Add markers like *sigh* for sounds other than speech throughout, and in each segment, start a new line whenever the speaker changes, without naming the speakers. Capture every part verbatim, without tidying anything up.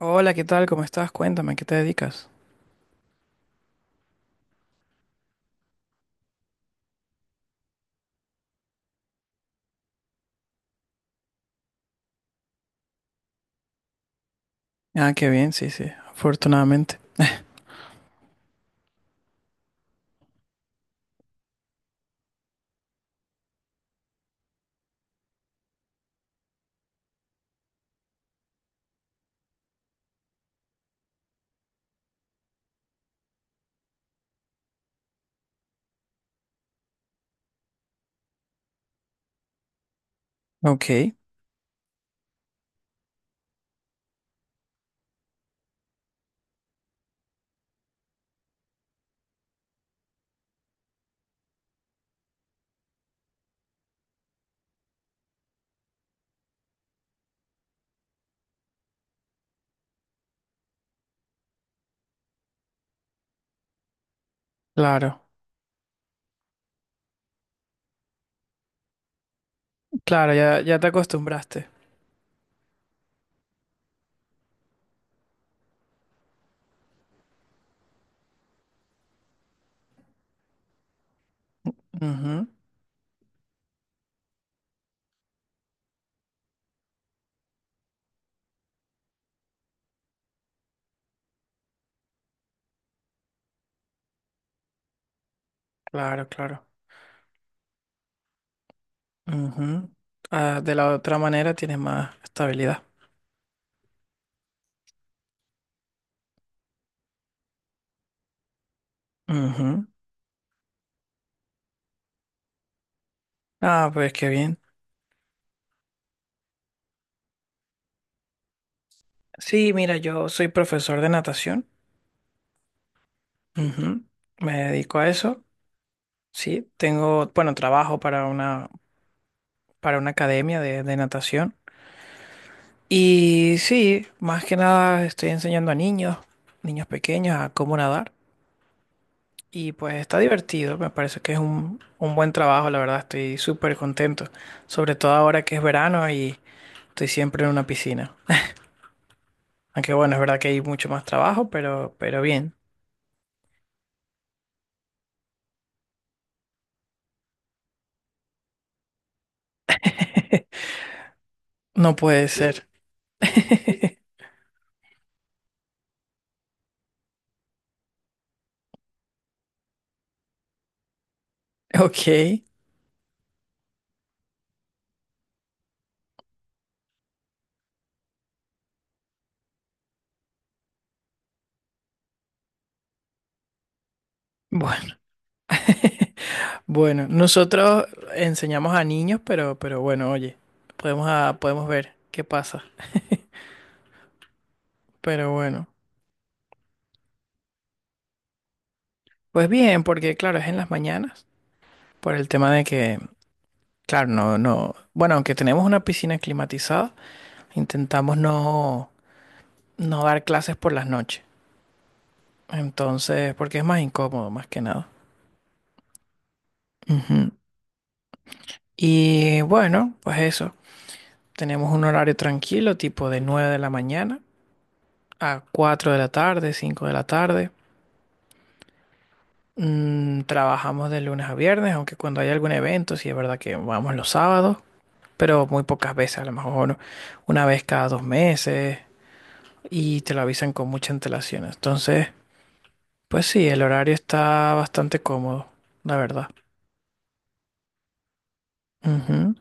Hola, ¿qué tal? ¿Cómo estás? Cuéntame, ¿a ¿qué te dedicas? Ah, qué bien, sí, sí, afortunadamente. Ok, claro, claro, ya, ya te acostumbraste. Ujú, claro, claro. Ujú. Ah, de la otra manera tienes más estabilidad. Ujú. Ah, pues qué bien. Sí, mira, yo soy profesor de natación. Ujú. Me dedico a eso. Sí, tengo, bueno, trabajo para una, para una academia de, de natación. Y sí, más que nada estoy enseñando a niños, niños pequeños, a cómo nadar. Y pues está divertido, me parece que es un, un buen trabajo, la verdad, estoy súper contento. Sobre todo ahora que es verano y estoy siempre en una piscina. Aunque bueno, es verdad que hay mucho más trabajo, pero, pero bien, no puede ser. *laughs* Ok, bueno. *laughs* Bueno, nosotros enseñamos a niños, pero, pero bueno, oye, podemos, a- podemos ver qué pasa. Pero bueno. Pues bien, porque claro, es en las mañanas, por el tema de que, claro, no, no, bueno, aunque tenemos una piscina climatizada, intentamos no, no dar clases por las noches. Entonces, porque es más incómodo, más que nada. Ujú. Y bueno, pues eso. Tenemos un horario tranquilo, tipo de nueve de la mañana a cuatro de la tarde, cinco de la tarde. Mm, trabajamos de lunes a viernes, aunque cuando hay algún evento, sí es verdad que vamos los sábados. Pero muy pocas veces, a lo mejor una vez cada dos meses y te lo avisan con mucha antelación. Entonces, pues sí, el horario está bastante cómodo, la verdad. Ujú.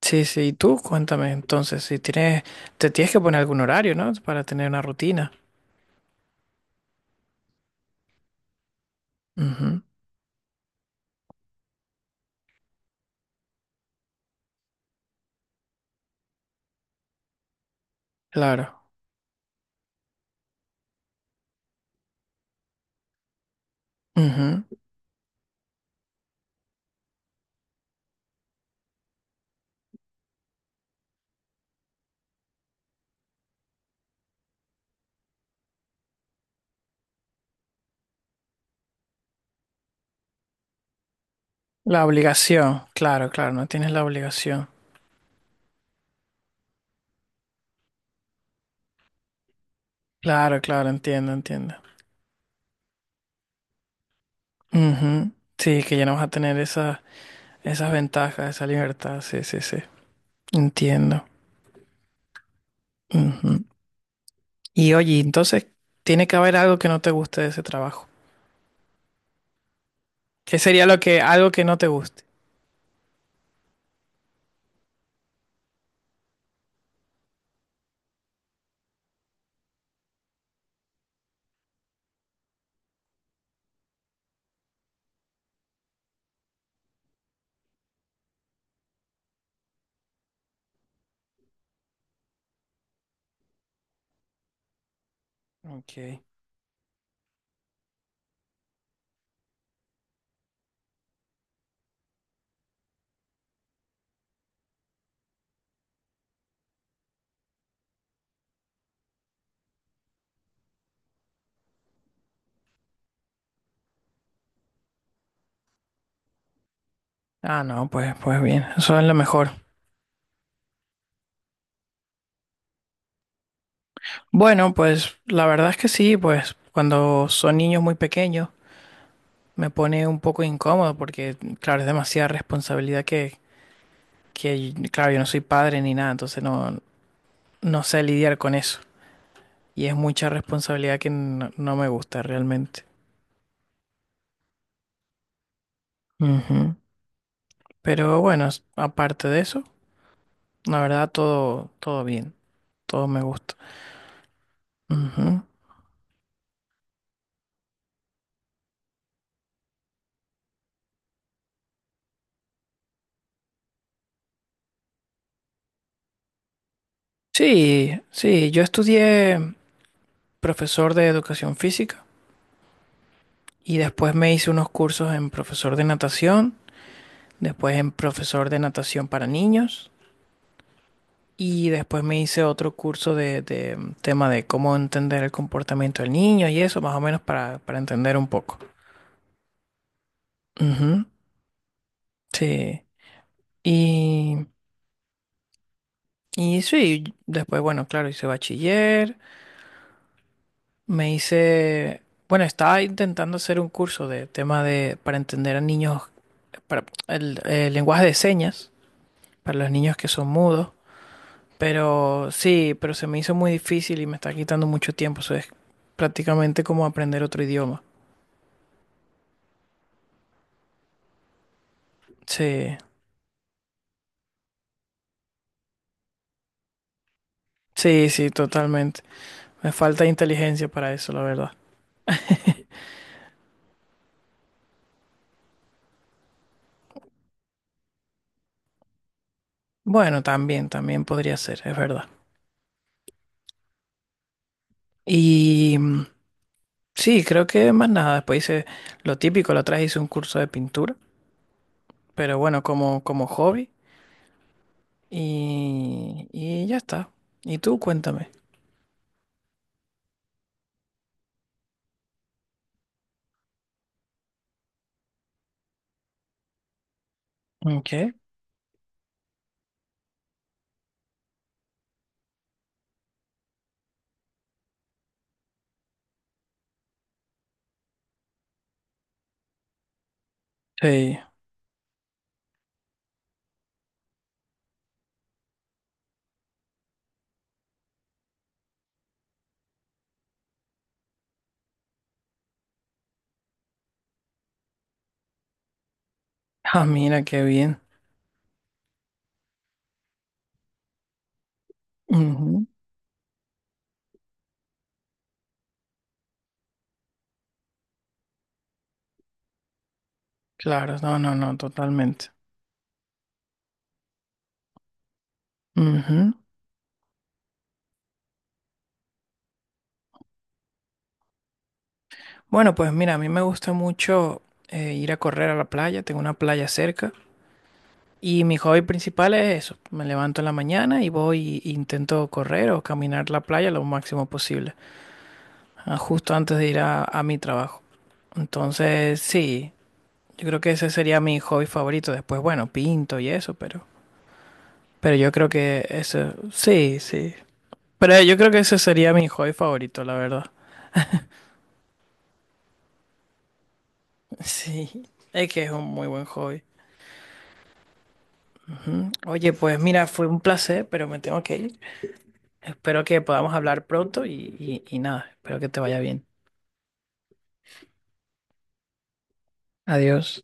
Sí, sí, y tú cuéntame entonces, si tienes, te tienes que poner algún horario, ¿no? Para tener una rutina. Ujú. Claro. Ujú. La obligación, claro, claro, no tienes la obligación. Claro, claro, entiendo, entiendo. Ujú. Sí, que ya no vas a tener esa, esas ventajas, esa libertad, sí, sí, sí. Entiendo. Ujú. Y oye, entonces tiene que haber algo que no te guste de ese trabajo. ¿Qué sería lo que, algo que no te guste? Ok. Ah, no, pues, pues bien, eso es lo mejor. Bueno, pues la verdad es que sí, pues cuando son niños muy pequeños me pone un poco incómodo porque, claro, es demasiada responsabilidad que, que, claro, yo no soy padre ni nada, entonces no, no sé lidiar con eso. Y es mucha responsabilidad que no, no me gusta realmente. Ujú. Pero bueno, s- aparte de eso. La verdad, todo, todo bien, todo me gusta. Ujú. Sí, sí, yo estudié profesor de educación física y después me hice unos cursos en profesor de natación, después en profesor de natación para niños y después me hice otro curso de, de tema de cómo entender el comportamiento del niño y eso, más o menos para, para entender un poco. Ujú. Sí, y, y sí, después, bueno, claro, hice bachiller. Me hice, bueno, estaba intentando hacer un curso de tema de, para entender a niños, para el, el lenguaje de señas, para los niños que son mudos, pero sí, pero se me hizo muy difícil y me está quitando mucho tiempo, eso es prácticamente como aprender otro idioma. Sí, sí, sí, totalmente. Me falta inteligencia para eso, la verdad. Bueno, también, también podría ser, es verdad. Y mm, sí, creo que más nada, después hice lo típico, la otra vez hice un curso de pintura. Pero bueno, como, como hobby y, y ya está. Y tú, cuéntame. ¿Qué? Sí. Ah, mira, qué bien. Ujú. Claro, no, no, no, totalmente. Ujú. Bueno, pues mira, a mí me gusta mucho eh, ir a correr a la playa, tengo una playa cerca y mi hobby principal es eso. Me levanto en la mañana y voy e intento correr o caminar la playa lo máximo posible, ah, justo antes de ir a, a mi trabajo. Entonces, sí, yo creo que ese sería mi hobby favorito. Después, bueno, pinto y eso, pero, pero yo creo que eso, sí, sí. Pero yo creo que ese sería mi hobby favorito, la verdad. *laughs* Sí, es que es un muy buen hobby. Ujú. Oye, pues mira, fue un placer, pero me tengo que ir. Espero que podamos hablar pronto y, y, y nada, espero que te vaya bien. Adiós.